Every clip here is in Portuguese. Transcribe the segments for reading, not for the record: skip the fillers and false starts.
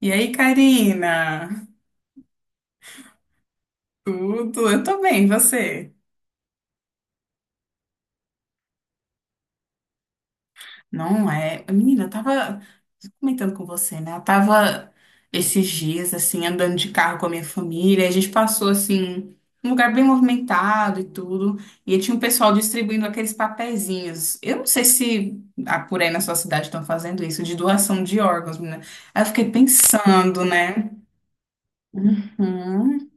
E aí, Karina? Tudo? Eu tô bem, e você? Não é? Menina, eu tava comentando com você, né? Eu tava esses dias, assim, andando de carro com a minha família. A gente passou, assim, um lugar bem movimentado e tudo. E tinha um pessoal distribuindo aqueles papeizinhos. Eu não sei se por aí na sua cidade estão fazendo isso, de doação de órgãos, menina. Aí eu fiquei pensando, né? Uhum.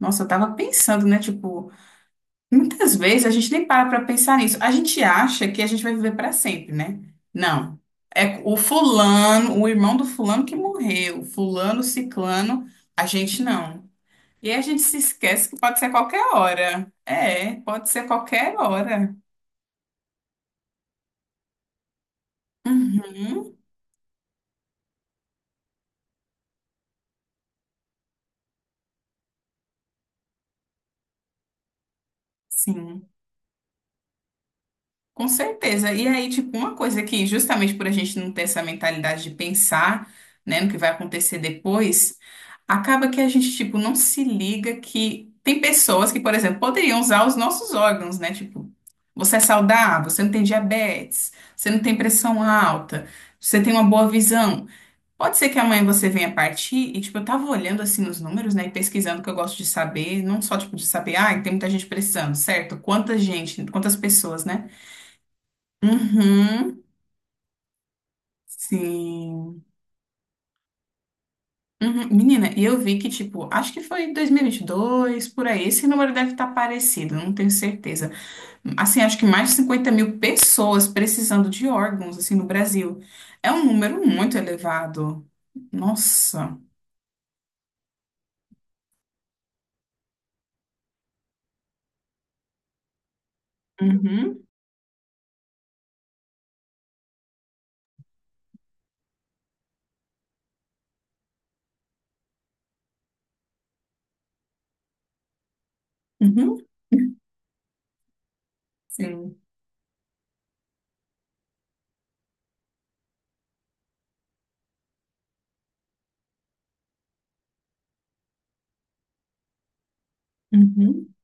Nossa, eu tava pensando, né? Tipo, muitas vezes a gente nem para pensar nisso. A gente acha que a gente vai viver para sempre, né? Não. É o fulano, o irmão do fulano que morreu, fulano, ciclano, a gente não. E aí a gente se esquece que pode ser qualquer hora. É, pode ser qualquer hora. Uhum, sim. Com certeza. E aí, tipo, uma coisa que, justamente por a gente não ter essa mentalidade de pensar, né, no que vai acontecer depois, acaba que a gente, tipo, não se liga que tem pessoas que, por exemplo, poderiam usar os nossos órgãos, né? Tipo, você é saudável, você não tem diabetes, você não tem pressão alta, você tem uma boa visão. Pode ser que amanhã você venha partir e, tipo, eu tava olhando, assim, os números, né, e pesquisando que eu gosto de saber, não só, tipo, de saber, ah, tem muita gente precisando, certo? Quanta gente, quantas pessoas, né? Uhum, sim. Uhum. Menina, e eu vi que, tipo, acho que foi 2022 por aí. Esse número deve estar parecido, não tenho certeza. Assim, acho que mais de 50 mil pessoas precisando de órgãos, assim, no Brasil. É um número muito elevado. Nossa. Uhum, uhum, sim. Uhum,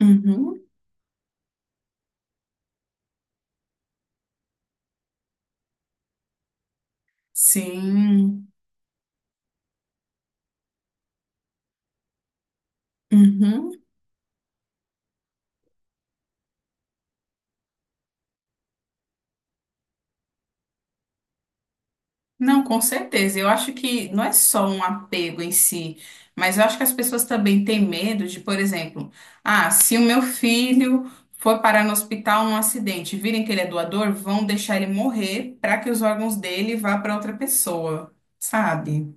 uhum, sim. Uhum. Não, com certeza. Eu acho que não é só um apego em si, mas eu acho que as pessoas também têm medo de, por exemplo, ah, se o meu filho for parar no hospital num acidente, virem que ele é doador, vão deixar ele morrer para que os órgãos dele vá para outra pessoa, sabe?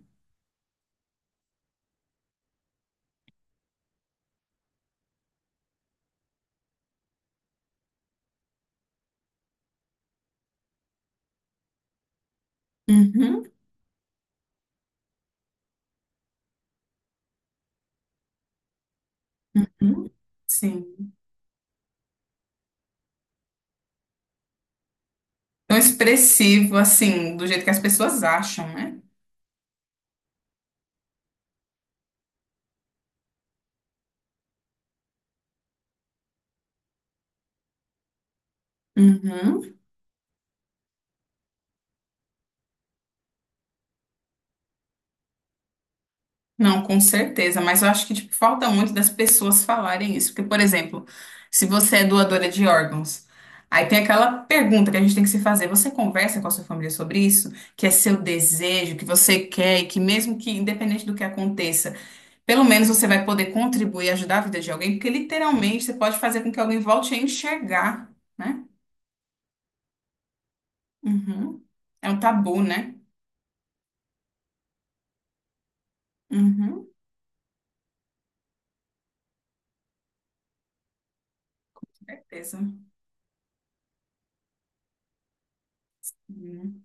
Uhum, uhum. Sim. Tão expressivo assim, do jeito que as pessoas acham, né? Uhum. Não, com certeza, mas eu acho que tipo, falta muito das pessoas falarem isso. Porque, por exemplo, se você é doadora de órgãos, aí tem aquela pergunta que a gente tem que se fazer: você conversa com a sua família sobre isso? Que é seu desejo, que você quer, e que mesmo que, independente do que aconteça, pelo menos você vai poder contribuir e ajudar a vida de alguém, porque literalmente você pode fazer com que alguém volte a enxergar, né? Uhum. É um tabu, né? Uhum. Com certeza. Uhum.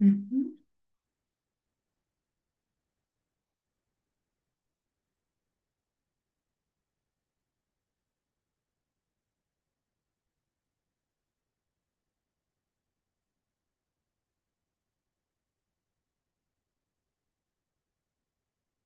Uhum.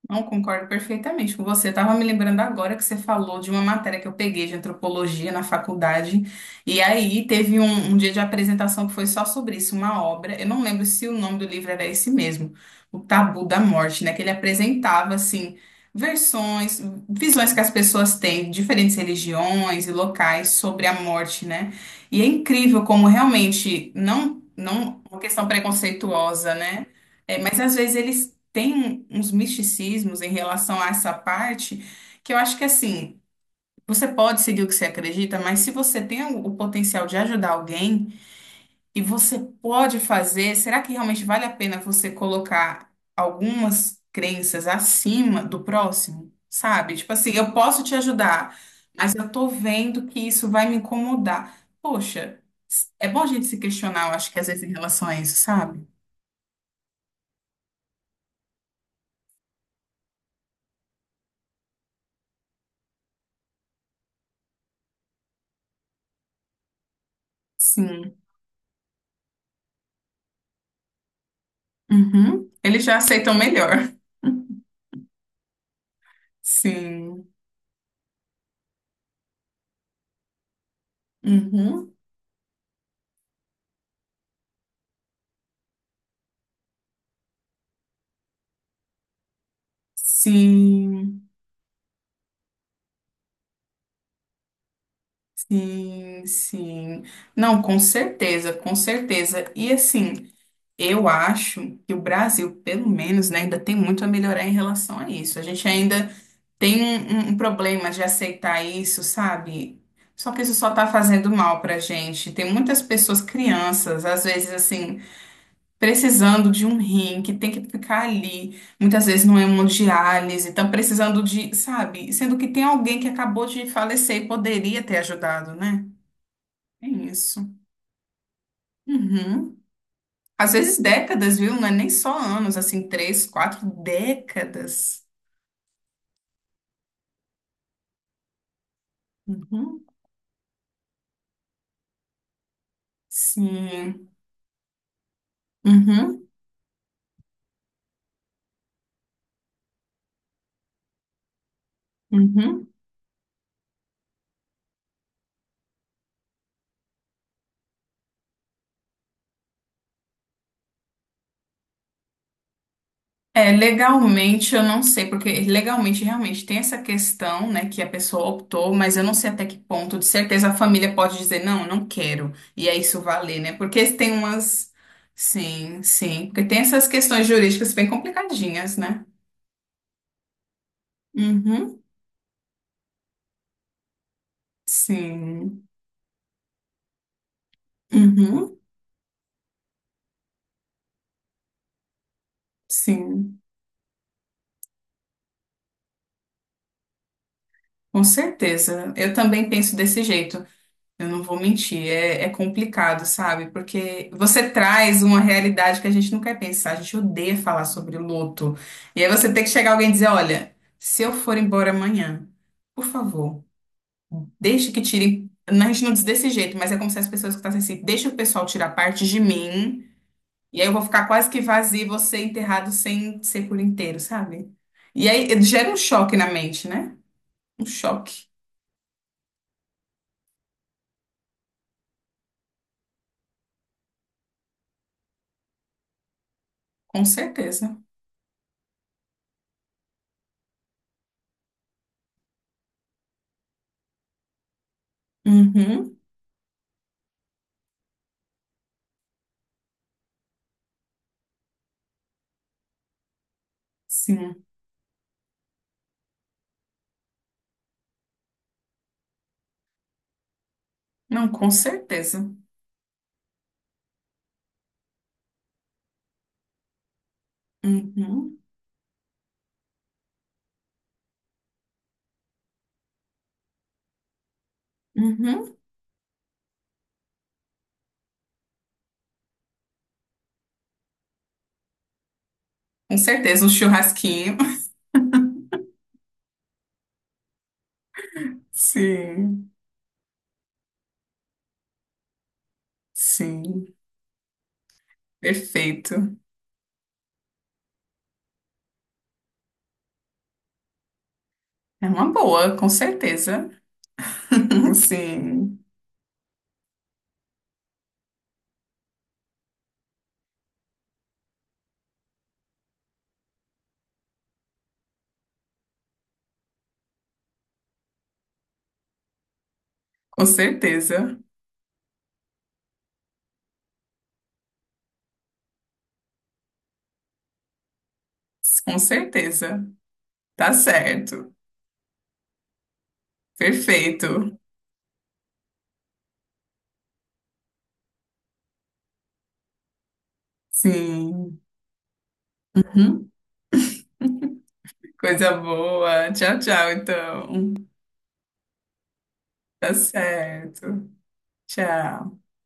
Não concordo perfeitamente com você. Estava me lembrando agora que você falou de uma matéria que eu peguei de antropologia na faculdade. E aí teve um dia de apresentação que foi só sobre isso, uma obra. Eu não lembro se o nome do livro era esse mesmo, O Tabu da Morte, né? Que ele apresentava assim versões, visões que as pessoas têm de diferentes religiões e locais sobre a morte, né? E é incrível como realmente não, não uma questão preconceituosa, né? É, mas às vezes eles tem uns misticismos em relação a essa parte que eu acho que assim, você pode seguir o que você acredita, mas se você tem o potencial de ajudar alguém e você pode fazer, será que realmente vale a pena você colocar algumas crenças acima do próximo? Sabe? Tipo assim, eu posso te ajudar, mas eu tô vendo que isso vai me incomodar. Poxa, é bom a gente se questionar, eu acho que às vezes em relação a isso, sabe? Sim. Uhum. Eles já aceitam melhor. Sim. Uhum. Sim, sim, sim. Não, com certeza, com certeza. E assim, eu acho que o Brasil, pelo menos, né, ainda tem muito a melhorar em relação a isso. A gente ainda tem um problema de aceitar isso, sabe? Só que isso só tá fazendo mal pra gente. Tem muitas pessoas, crianças, às vezes assim. Precisando de um rim, que tem que ficar ali, muitas vezes não é uma diálise, estão precisando de, sabe? Sendo que tem alguém que acabou de falecer e poderia ter ajudado, né? É isso. Uhum. Às vezes décadas, viu? Não é nem só anos, assim, três, quatro décadas. Uhum. Sim. Uhum. Uhum. É, legalmente eu não sei, porque legalmente realmente tem essa questão, né, que a pessoa optou, mas eu não sei até que ponto, de certeza a família pode dizer, não, não quero, e é isso valer, né? Porque tem umas. Sim, sim, porque tem essas questões jurídicas bem complicadinhas, né? Uhum, sim, uhum, sim, com certeza. Eu também penso desse jeito. Eu não vou mentir, é complicado, sabe? Porque você traz uma realidade que a gente não quer pensar, a gente odeia falar sobre luto. E aí você tem que chegar alguém e dizer: olha, se eu for embora amanhã, por favor, deixe que tirem. A gente não diz desse jeito, mas é como se as pessoas que falassem assim: deixa o pessoal tirar parte de mim, e aí eu vou ficar quase que vazio e você enterrado sem ser por inteiro, sabe? E aí gera um choque na mente, né? Um choque, com certeza. Uhum, sim. Não, com certeza. Uhum, uhum. Com certeza, um churrasquinho. Sim, sim, perfeito. É uma boa, com certeza. Sim, com certeza. Com certeza. Tá certo. Perfeito. Sim. Uhum. Coisa boa. Tchau, tchau, então. Tá certo. Tchau.